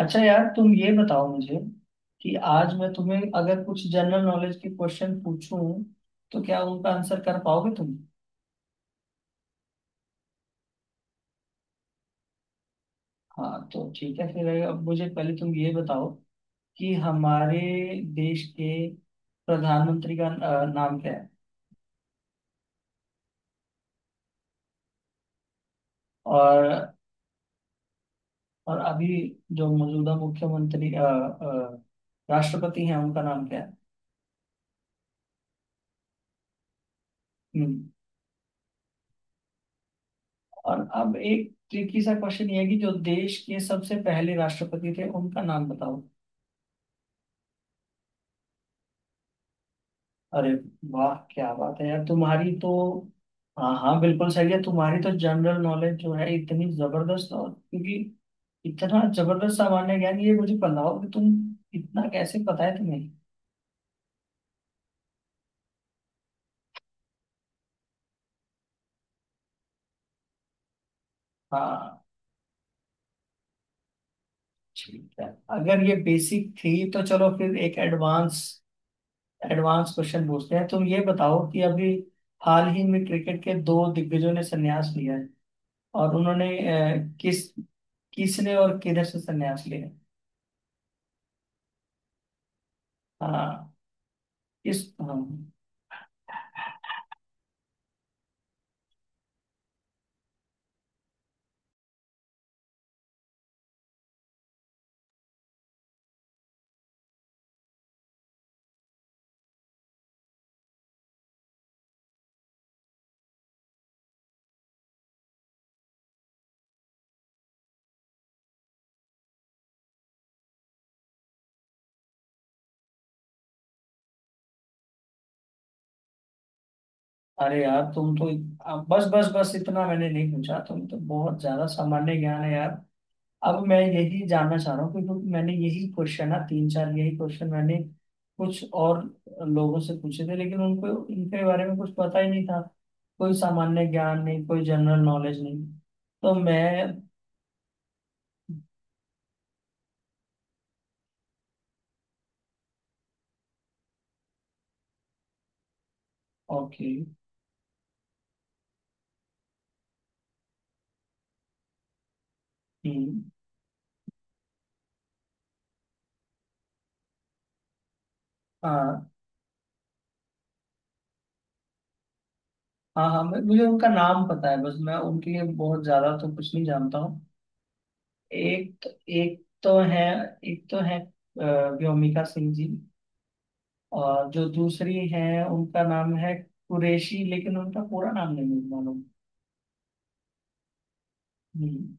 अच्छा यार, तुम ये बताओ मुझे कि आज मैं तुम्हें अगर कुछ जनरल नॉलेज के क्वेश्चन पूछूं तो क्या उनका आंसर कर पाओगे तुम। हाँ तो ठीक है, फिर अब मुझे पहले तुम ये बताओ कि हमारे देश के प्रधानमंत्री का नाम क्या है। और और अभी जो मौजूदा मुख्यमंत्री राष्ट्रपति हैं उनका नाम क्या है। हम्म। और अब एक ट्रिकी सा क्वेश्चन ये है कि जो देश के सबसे पहले राष्ट्रपति थे उनका नाम बताओ। अरे वाह, क्या बात है यार, तुम्हारी तो। हाँ हाँ, बिल्कुल सही है, तुम्हारी तो जनरल नॉलेज जो है इतनी जबरदस्त। और क्योंकि इतना जबरदस्त सामान्य ज्ञान, ये मुझे बताओ कि तुम इतना कैसे पता है तुम्हें। हाँ ठीक है, अगर ये बेसिक थी तो चलो फिर एक एडवांस एडवांस क्वेश्चन पूछते हैं। तुम ये बताओ कि अभी हाल ही में क्रिकेट के दो दिग्गजों ने संन्यास लिया है, और उन्होंने किस, किसने और किधर से संन्यास लिया है? हाँ। इस हाँ। अरे यार, तुम तो बस बस बस, इतना मैंने नहीं पूछा। तुम तो बहुत ज्यादा सामान्य ज्ञान है यार। अब मैं यही जानना चाह रहा हूँ, क्योंकि मैंने यही क्वेश्चन ना तीन चार यही क्वेश्चन मैंने कुछ और लोगों से पूछे थे, लेकिन उनको इनके बारे में कुछ पता ही नहीं था। कोई सामान्य ज्ञान नहीं, कोई जनरल नॉलेज नहीं। तो मैं ओके। हम्म। हाँ हाँ, हाँ मुझे उनका नाम पता है, बस मैं उनके लिए बहुत ज्यादा तो कुछ नहीं जानता हूँ। एक तो एक तो है एक तो है व्योमिका सिंह जी। और जो दूसरी है उनका नाम है कुरैशी, लेकिन उनका पूरा नाम नहीं मालूम। हम्म।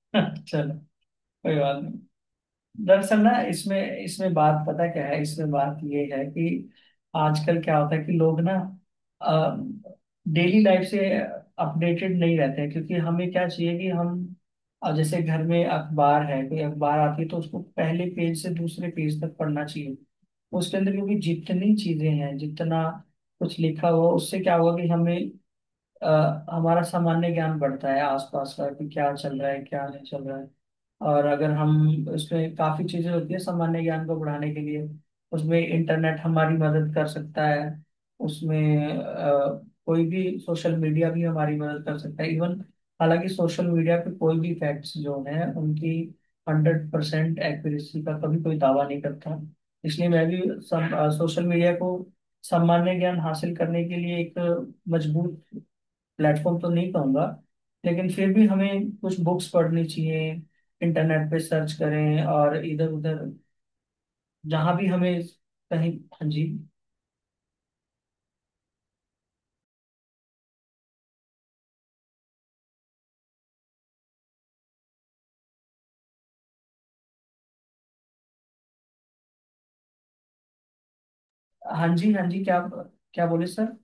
चलो कोई बात नहीं। दरअसल ना इसमें इसमें बात पता क्या है, इसमें बात ये है कि आजकल क्या होता है कि लोग ना डेली लाइफ से अपडेटेड नहीं रहते हैं। क्योंकि हमें क्या चाहिए कि हम अब जैसे घर में अखबार है, कोई अखबार आती है तो उसको पहले पेज से दूसरे पेज तक पढ़ना चाहिए। उसके अंदर क्योंकि जितनी चीजें हैं, जितना कुछ लिखा हुआ, उससे क्या होगा कि हमें अ, हमारा सामान्य ज्ञान बढ़ता है आसपास का कि क्या चल रहा है क्या नहीं चल रहा है। और अगर हम उसमें काफी चीजें होती है सामान्य ज्ञान को बढ़ाने के लिए, उसमें इंटरनेट हमारी मदद कर सकता है। उसमें कोई भी सोशल मीडिया भी हमारी मदद कर सकता है इवन। हालांकि सोशल मीडिया पे कोई भी फैक्ट्स जो हैं उनकी 100% एक्यूरेसी का कभी कोई दावा नहीं करता। इसलिए मैं भी सोशल मीडिया को सामान्य ज्ञान हासिल करने के लिए एक मजबूत प्लेटफॉर्म तो नहीं कहूंगा। लेकिन फिर भी हमें कुछ बुक्स पढ़नी चाहिए, इंटरनेट पे सर्च करें और इधर उधर जहां भी हमें कहीं। हाँ जी। हाँ जी हाँ जी, क्या क्या बोले सर?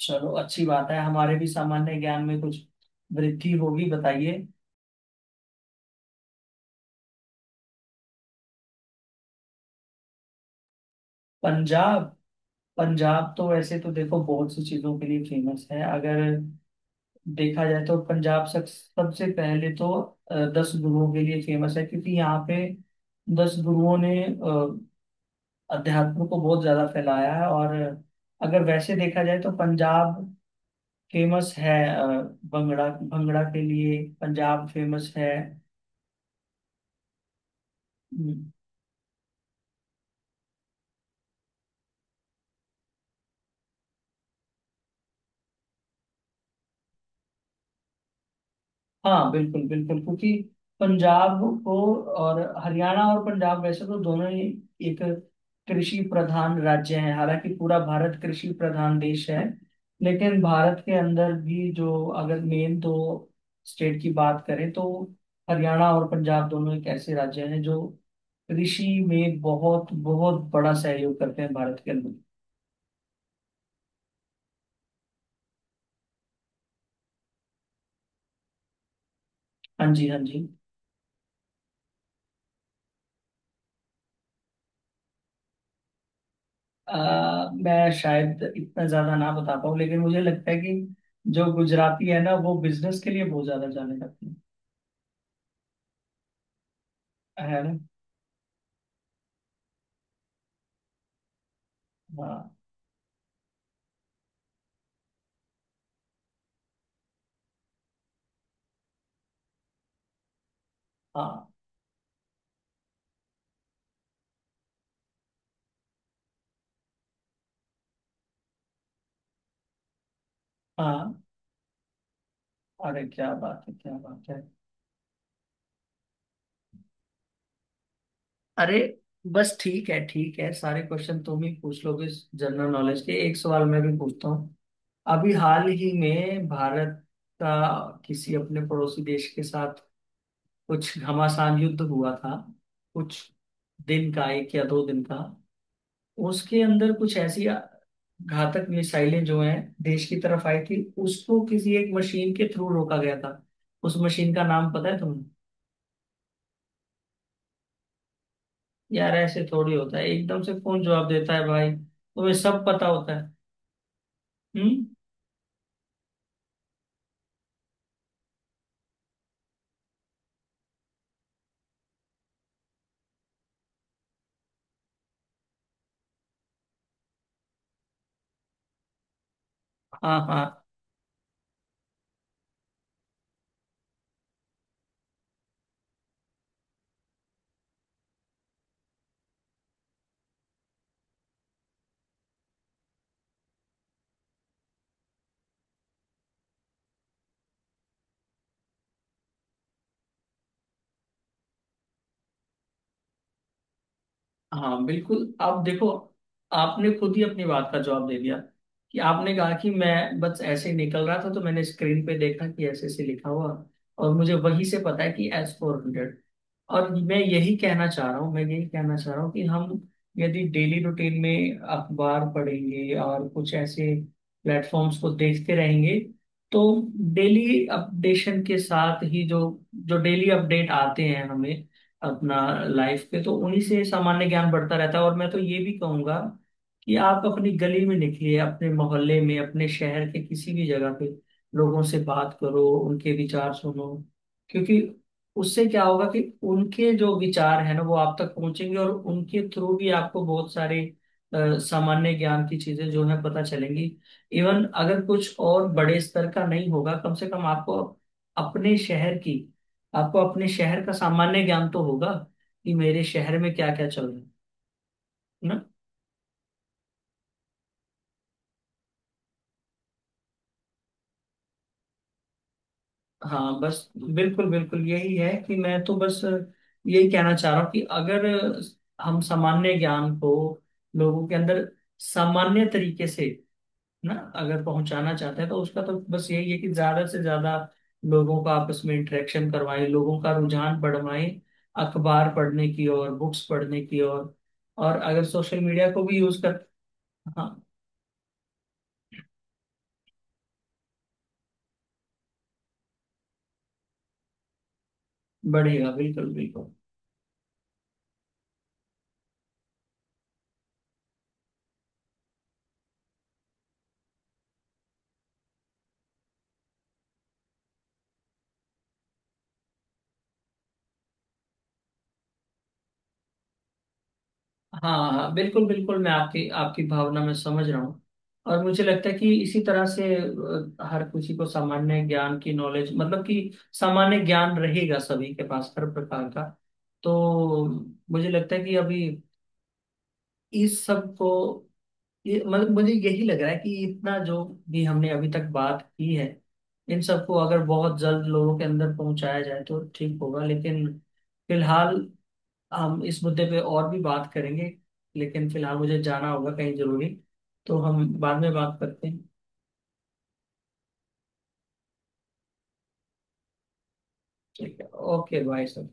चलो अच्छी बात है, हमारे भी सामान्य ज्ञान में कुछ वृद्धि होगी, बताइए। पंजाब, पंजाब तो वैसे तो देखो बहुत सी चीजों के लिए फेमस है। अगर देखा जाए तो पंजाब सब सबसे पहले तो 10 गुरुओं के लिए फेमस है, क्योंकि यहाँ पे 10 गुरुओं ने अध्यात्म को बहुत ज्यादा फैलाया है। और अगर वैसे देखा जाए तो पंजाब फेमस है, भंगड़ा भंगड़ा के लिए पंजाब फेमस है। हाँ बिल्कुल बिल्कुल, क्योंकि पंजाब को और हरियाणा और पंजाब वैसे तो दोनों ही एक कृषि प्रधान राज्य हैं। हालांकि पूरा भारत कृषि प्रधान देश है, लेकिन भारत के अंदर भी जो अगर मेन दो स्टेट की बात करें तो हरियाणा और पंजाब दोनों एक ऐसे राज्य हैं जो कृषि में बहुत बहुत बड़ा सहयोग करते हैं भारत के अंदर। हाँ जी हाँ जी। मैं शायद इतना ज्यादा ना बता पाऊँ, लेकिन मुझे लगता है कि जो गुजराती है ना वो बिजनेस के लिए बहुत ज्यादा जाने जाते हैं। है ना। हाँ हाँ हाँ। अरे क्या बात है, क्या बात है। अरे बस ठीक है ठीक है, सारे क्वेश्चन तुम ही पूछ लोगे जनरल नॉलेज के, एक सवाल मैं भी पूछता हूँ। अभी हाल ही में भारत का किसी अपने पड़ोसी देश के साथ कुछ घमासान युद्ध हुआ था, कुछ दिन का, 1 या 2 दिन का। उसके अंदर कुछ ऐसी घातक मिसाइलें जो हैं देश की तरफ आई थी, उसको किसी एक मशीन के थ्रू रोका गया था। उस मशीन का नाम पता है तुम्हें? यार ऐसे थोड़ी होता है, एकदम से कौन जवाब देता है। भाई तुम्हें सब पता होता है। हम्म। हाँ हाँ, हाँ बिल्कुल, आप देखो आपने खुद ही अपनी बात का जवाब दे दिया कि आपने कहा कि मैं बस ऐसे ही निकल रहा था तो मैंने स्क्रीन पे देखा कि ऐसे ऐसे लिखा हुआ, और मुझे वहीं से पता है कि S-400। और मैं यही कहना चाह रहा हूँ, मैं यही कहना चाह रहा हूँ कि हम यदि डेली रूटीन में अखबार पढ़ेंगे और कुछ ऐसे प्लेटफॉर्म्स को देखते रहेंगे, तो डेली अपडेशन के साथ ही जो जो डेली अपडेट आते हैं हमें अपना लाइफ पे, तो उन्हीं से सामान्य ज्ञान बढ़ता रहता है। और मैं तो ये भी कहूंगा कि आप अपनी गली में निकलिए, अपने मोहल्ले में, अपने शहर के किसी भी जगह पे लोगों से बात करो, उनके विचार सुनो। क्योंकि उससे क्या होगा कि उनके जो विचार है ना वो आप तक पहुंचेंगे, और उनके थ्रू भी आपको बहुत सारे सामान्य ज्ञान की चीजें जो है पता चलेंगी। इवन अगर कुछ और बड़े स्तर का नहीं होगा, कम से कम आपको अपने शहर की आपको अपने शहर का सामान्य ज्ञान तो होगा कि मेरे शहर में क्या क्या चल रहा है ना। हाँ बस, बिल्कुल बिल्कुल, यही है कि मैं तो बस यही कहना चाह रहा हूँ कि अगर हम सामान्य ज्ञान को लोगों के अंदर सामान्य तरीके से ना अगर पहुंचाना चाहते हैं तो उसका तो बस यही है कि ज्यादा से ज्यादा लोगों का आपस में इंटरेक्शन करवाएं, लोगों का रुझान बढ़वाएं अखबार पढ़ने की ओर, बुक्स पढ़ने की ओर। और अगर सोशल मीडिया को भी यूज कर। हाँ बढ़ेगा, बिल्कुल बिल्कुल। हाँ हाँ, बिल्कुल बिल्कुल, मैं आपकी आपकी भावना में समझ रहा हूँ। और मुझे लगता है कि इसी तरह से हर किसी को सामान्य ज्ञान की नॉलेज मतलब कि सामान्य ज्ञान रहेगा सभी के पास हर प्रकार का। तो मुझे लगता है कि अभी इस सब को ये मतलब मुझे यही लग रहा है कि इतना जो भी हमने अभी तक बात की है, इन सबको अगर बहुत जल्द लोगों के अंदर पहुंचाया जाए तो ठीक होगा। लेकिन फिलहाल हम इस मुद्दे पे और भी बात करेंगे, लेकिन फिलहाल मुझे जाना होगा कहीं जरूरी, तो हम बाद में बात करते हैं। ठीक है। Okay bye sir.